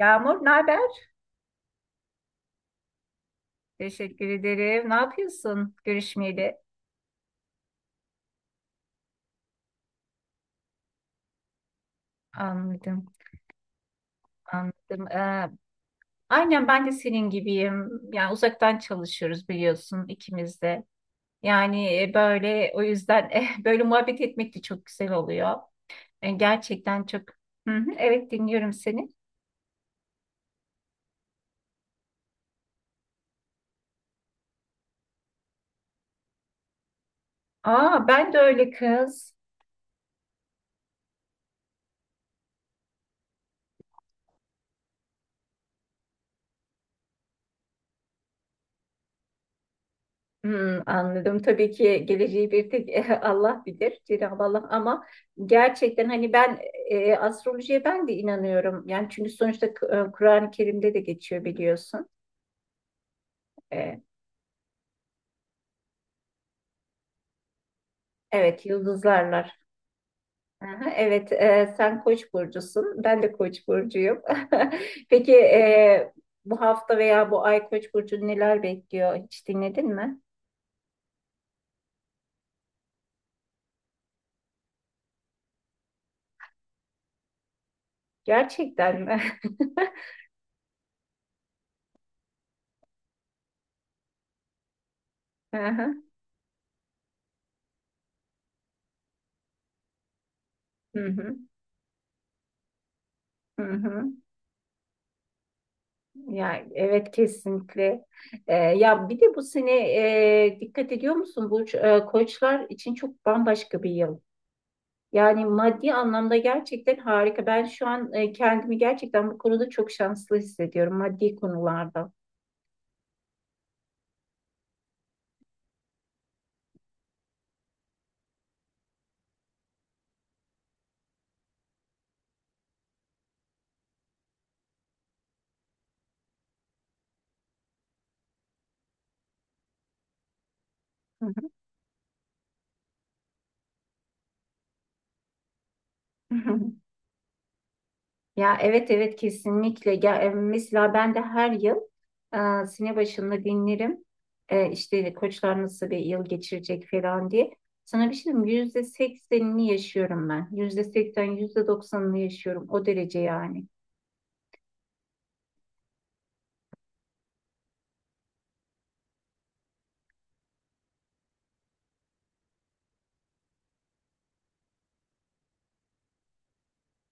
Yağmur, ne haber? Teşekkür ederim. Ne yapıyorsun? Görüşmeyeli. Anladım, anladım. Aynen ben de senin gibiyim. Yani uzaktan çalışıyoruz biliyorsun ikimiz de. Yani böyle o yüzden böyle muhabbet etmek de çok güzel oluyor. Gerçekten çok. Hı hı, evet dinliyorum seni. Aa, ben de öyle kız. Hmm, anladım. Tabii ki geleceği bir tek Allah bilir, Cenab-ı Allah. Ama gerçekten hani ben astrolojiye ben de inanıyorum. Yani çünkü sonuçta Kur'an-ı Kerim'de de geçiyor biliyorsun. E, evet, yıldızlarlar. Aha, evet, sen Koç burcusun. Ben de Koç burcuyum. Peki bu hafta veya bu ay Koç burcunu neler bekliyor? Hiç dinledin mi? Gerçekten mi? Aha, hı hı. Hı hı. Yani evet, kesinlikle. Ya bir de bu sene dikkat ediyor musun bu koçlar için çok bambaşka bir yıl. Yani maddi anlamda gerçekten harika. Ben şu an kendimi gerçekten bu konuda çok şanslı hissediyorum maddi konularda. Ya evet evet, kesinlikle. Ya, mesela ben de her yıl sene başında dinlerim. İşte koçlar nasıl bir yıl geçirecek falan diye. Sana bir şey diyeyim mi? Yüzde seksenini yaşıyorum ben. Yüzde seksen, yüzde doksanını yaşıyorum. O derece yani.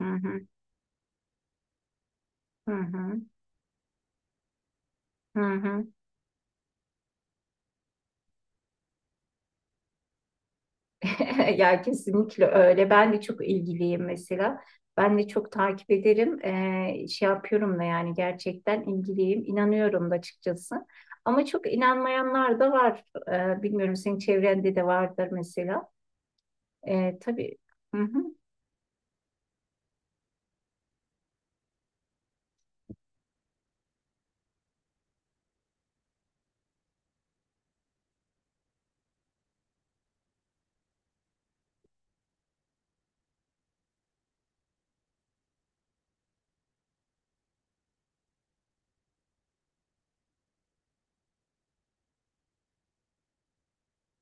Hı hı, hı hı, hı hı. Ya kesinlikle öyle. Ben de çok ilgiliyim mesela. Ben de çok takip ederim. Şey yapıyorum da yani gerçekten ilgiliyim. İnanıyorum da açıkçası. Ama çok inanmayanlar da var. Bilmiyorum senin çevrende de vardır mesela. Tabii. Hı hı.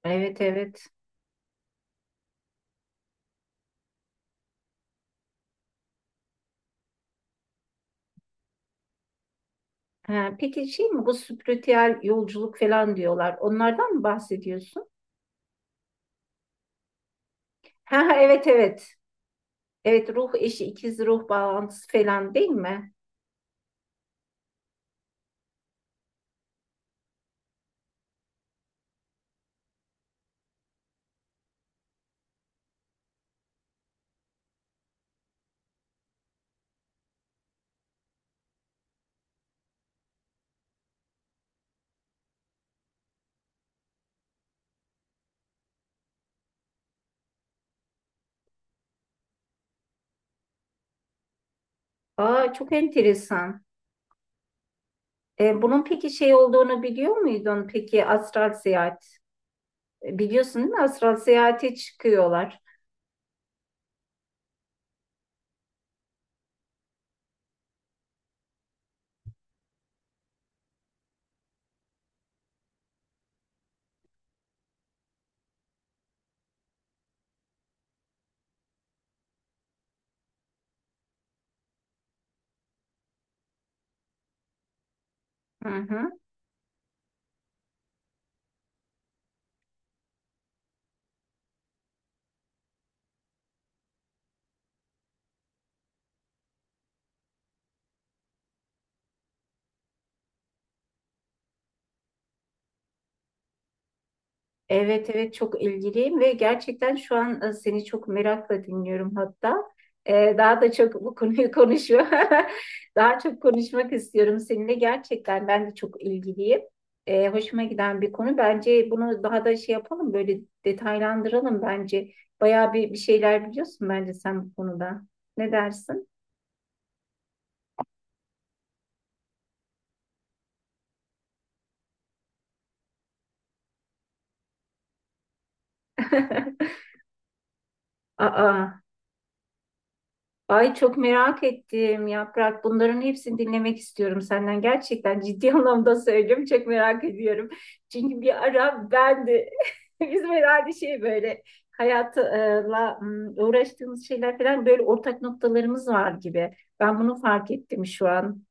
Evet evet. Ha, peki şey mi, bu spiritüel yolculuk falan diyorlar. Onlardan mı bahsediyorsun? Ha, ha, evet evet. Evet, ruh eşi ikiz ruh bağlantısı falan değil mi? Aa, çok enteresan. Bunun peki şey olduğunu biliyor muydun? Peki astral seyahat. Biliyorsun değil mi? Astral seyahate çıkıyorlar. Hı hı. Evet evet, çok ilgiliyim ve gerçekten şu an seni çok merakla dinliyorum hatta. Daha da çok bu konuyu konuşuyor. Daha çok konuşmak istiyorum seninle. Gerçekten ben de çok ilgiliyim. Hoşuma giden bir konu. Bence bunu daha da şey yapalım, böyle detaylandıralım bence. Bayağı bir şeyler biliyorsun bence sen bu konuda. Ne dersin? Aa. Ay çok merak ettim Yaprak. Bunların hepsini dinlemek istiyorum senden. Gerçekten ciddi anlamda söylüyorum. Çok merak ediyorum. Çünkü bir ara ben de bizim herhalde şey böyle hayatla uğraştığımız şeyler falan, böyle ortak noktalarımız var gibi. Ben bunu fark ettim şu an.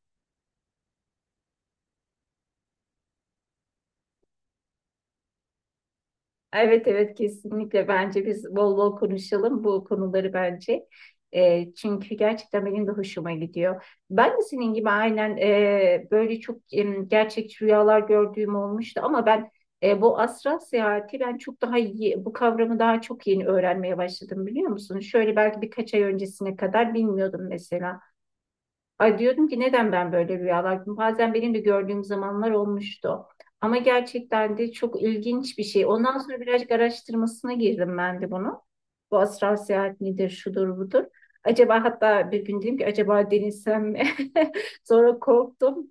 Evet evet, kesinlikle bence biz bol bol konuşalım bu konuları bence. Çünkü gerçekten benim de hoşuma gidiyor. Ben de senin gibi aynen böyle çok gerçekçi rüyalar gördüğüm olmuştu ama ben bu astral seyahati ben çok daha iyi, bu kavramı daha çok yeni öğrenmeye başladım biliyor musun? Şöyle belki birkaç ay öncesine kadar bilmiyordum mesela. Ay diyordum ki neden ben böyle rüyalar görüyorum? Bazen benim de gördüğüm zamanlar olmuştu. Ama gerçekten de çok ilginç bir şey. Ondan sonra birazcık araştırmasına girdim ben de bunu. Bu astral seyahat nedir, şudur budur. Acaba hatta bir gün dedim ki acaba denizsem mi? Sonra korktum.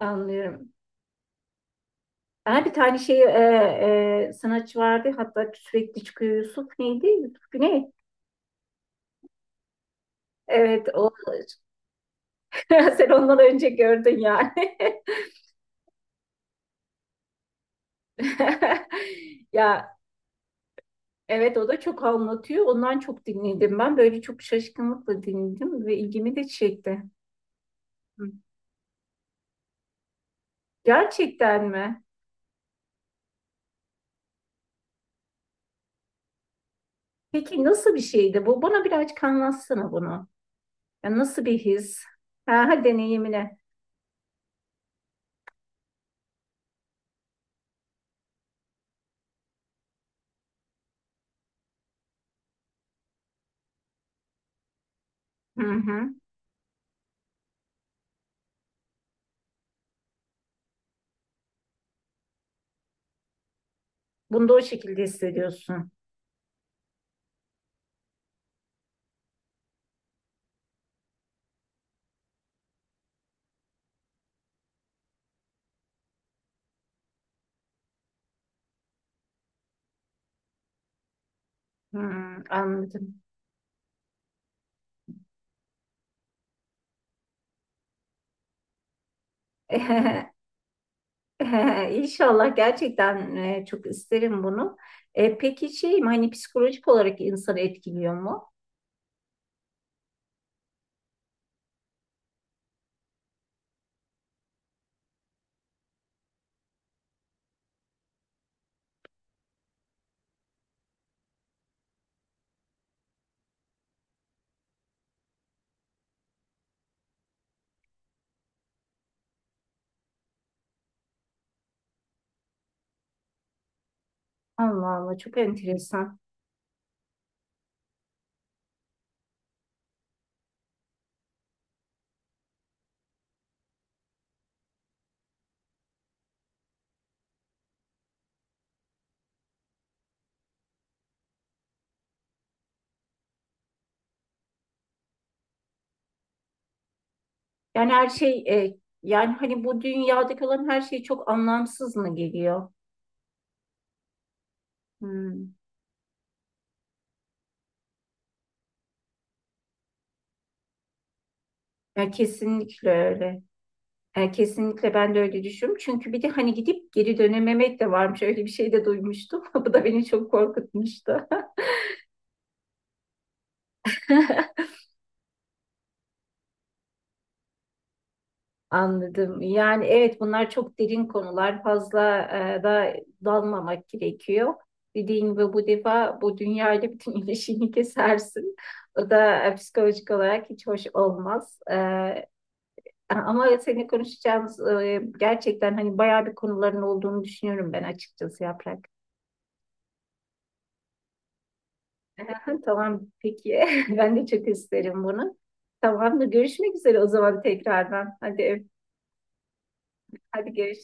Anlıyorum. Ha, bir tane sanatçı vardı, hatta sürekli çıkıyor, Yusuf neydi? Yusuf Güney. Evet o, sen ondan önce gördün yani. Ya evet, o da çok anlatıyor. Ondan çok dinledim ben. Böyle çok şaşkınlıkla dinledim ve ilgimi de çekti. Hı. Gerçekten mi? Peki nasıl bir şeydi bu? Bana birazcık anlatsana bunu. Ya nasıl bir his? Ha, ha, deneyimine. Hı hı. Bunu da o şekilde hissediyorsun. Hı, anladım. İnşallah gerçekten çok isterim bunu. Peki şey mi, hani psikolojik olarak insanı etkiliyor mu? Allah Allah, çok enteresan. Yani her şey yani hani bu dünyadaki olan her şey çok anlamsız mı geliyor? Hmm. Ya kesinlikle öyle. Ya kesinlikle ben de öyle düşünüyorum. Çünkü bir de hani gidip geri dönememek de varmış. Öyle bir şey de duymuştum. Bu da beni çok korkutmuştu. Anladım. Yani evet, bunlar çok derin konular. Fazla e, da dalmamak gerekiyor. Dediğin gibi bu defa bu dünyayla bütün ilişkini kesersin. O da psikolojik olarak hiç hoş olmaz. Ama seninle konuşacağımız gerçekten hani bayağı bir konuların olduğunu düşünüyorum ben açıkçası Yaprak. Tamam peki. Ben de çok isterim bunu. Tamam da görüşmek üzere o zaman tekrardan. Hadi, hadi görüşürüz.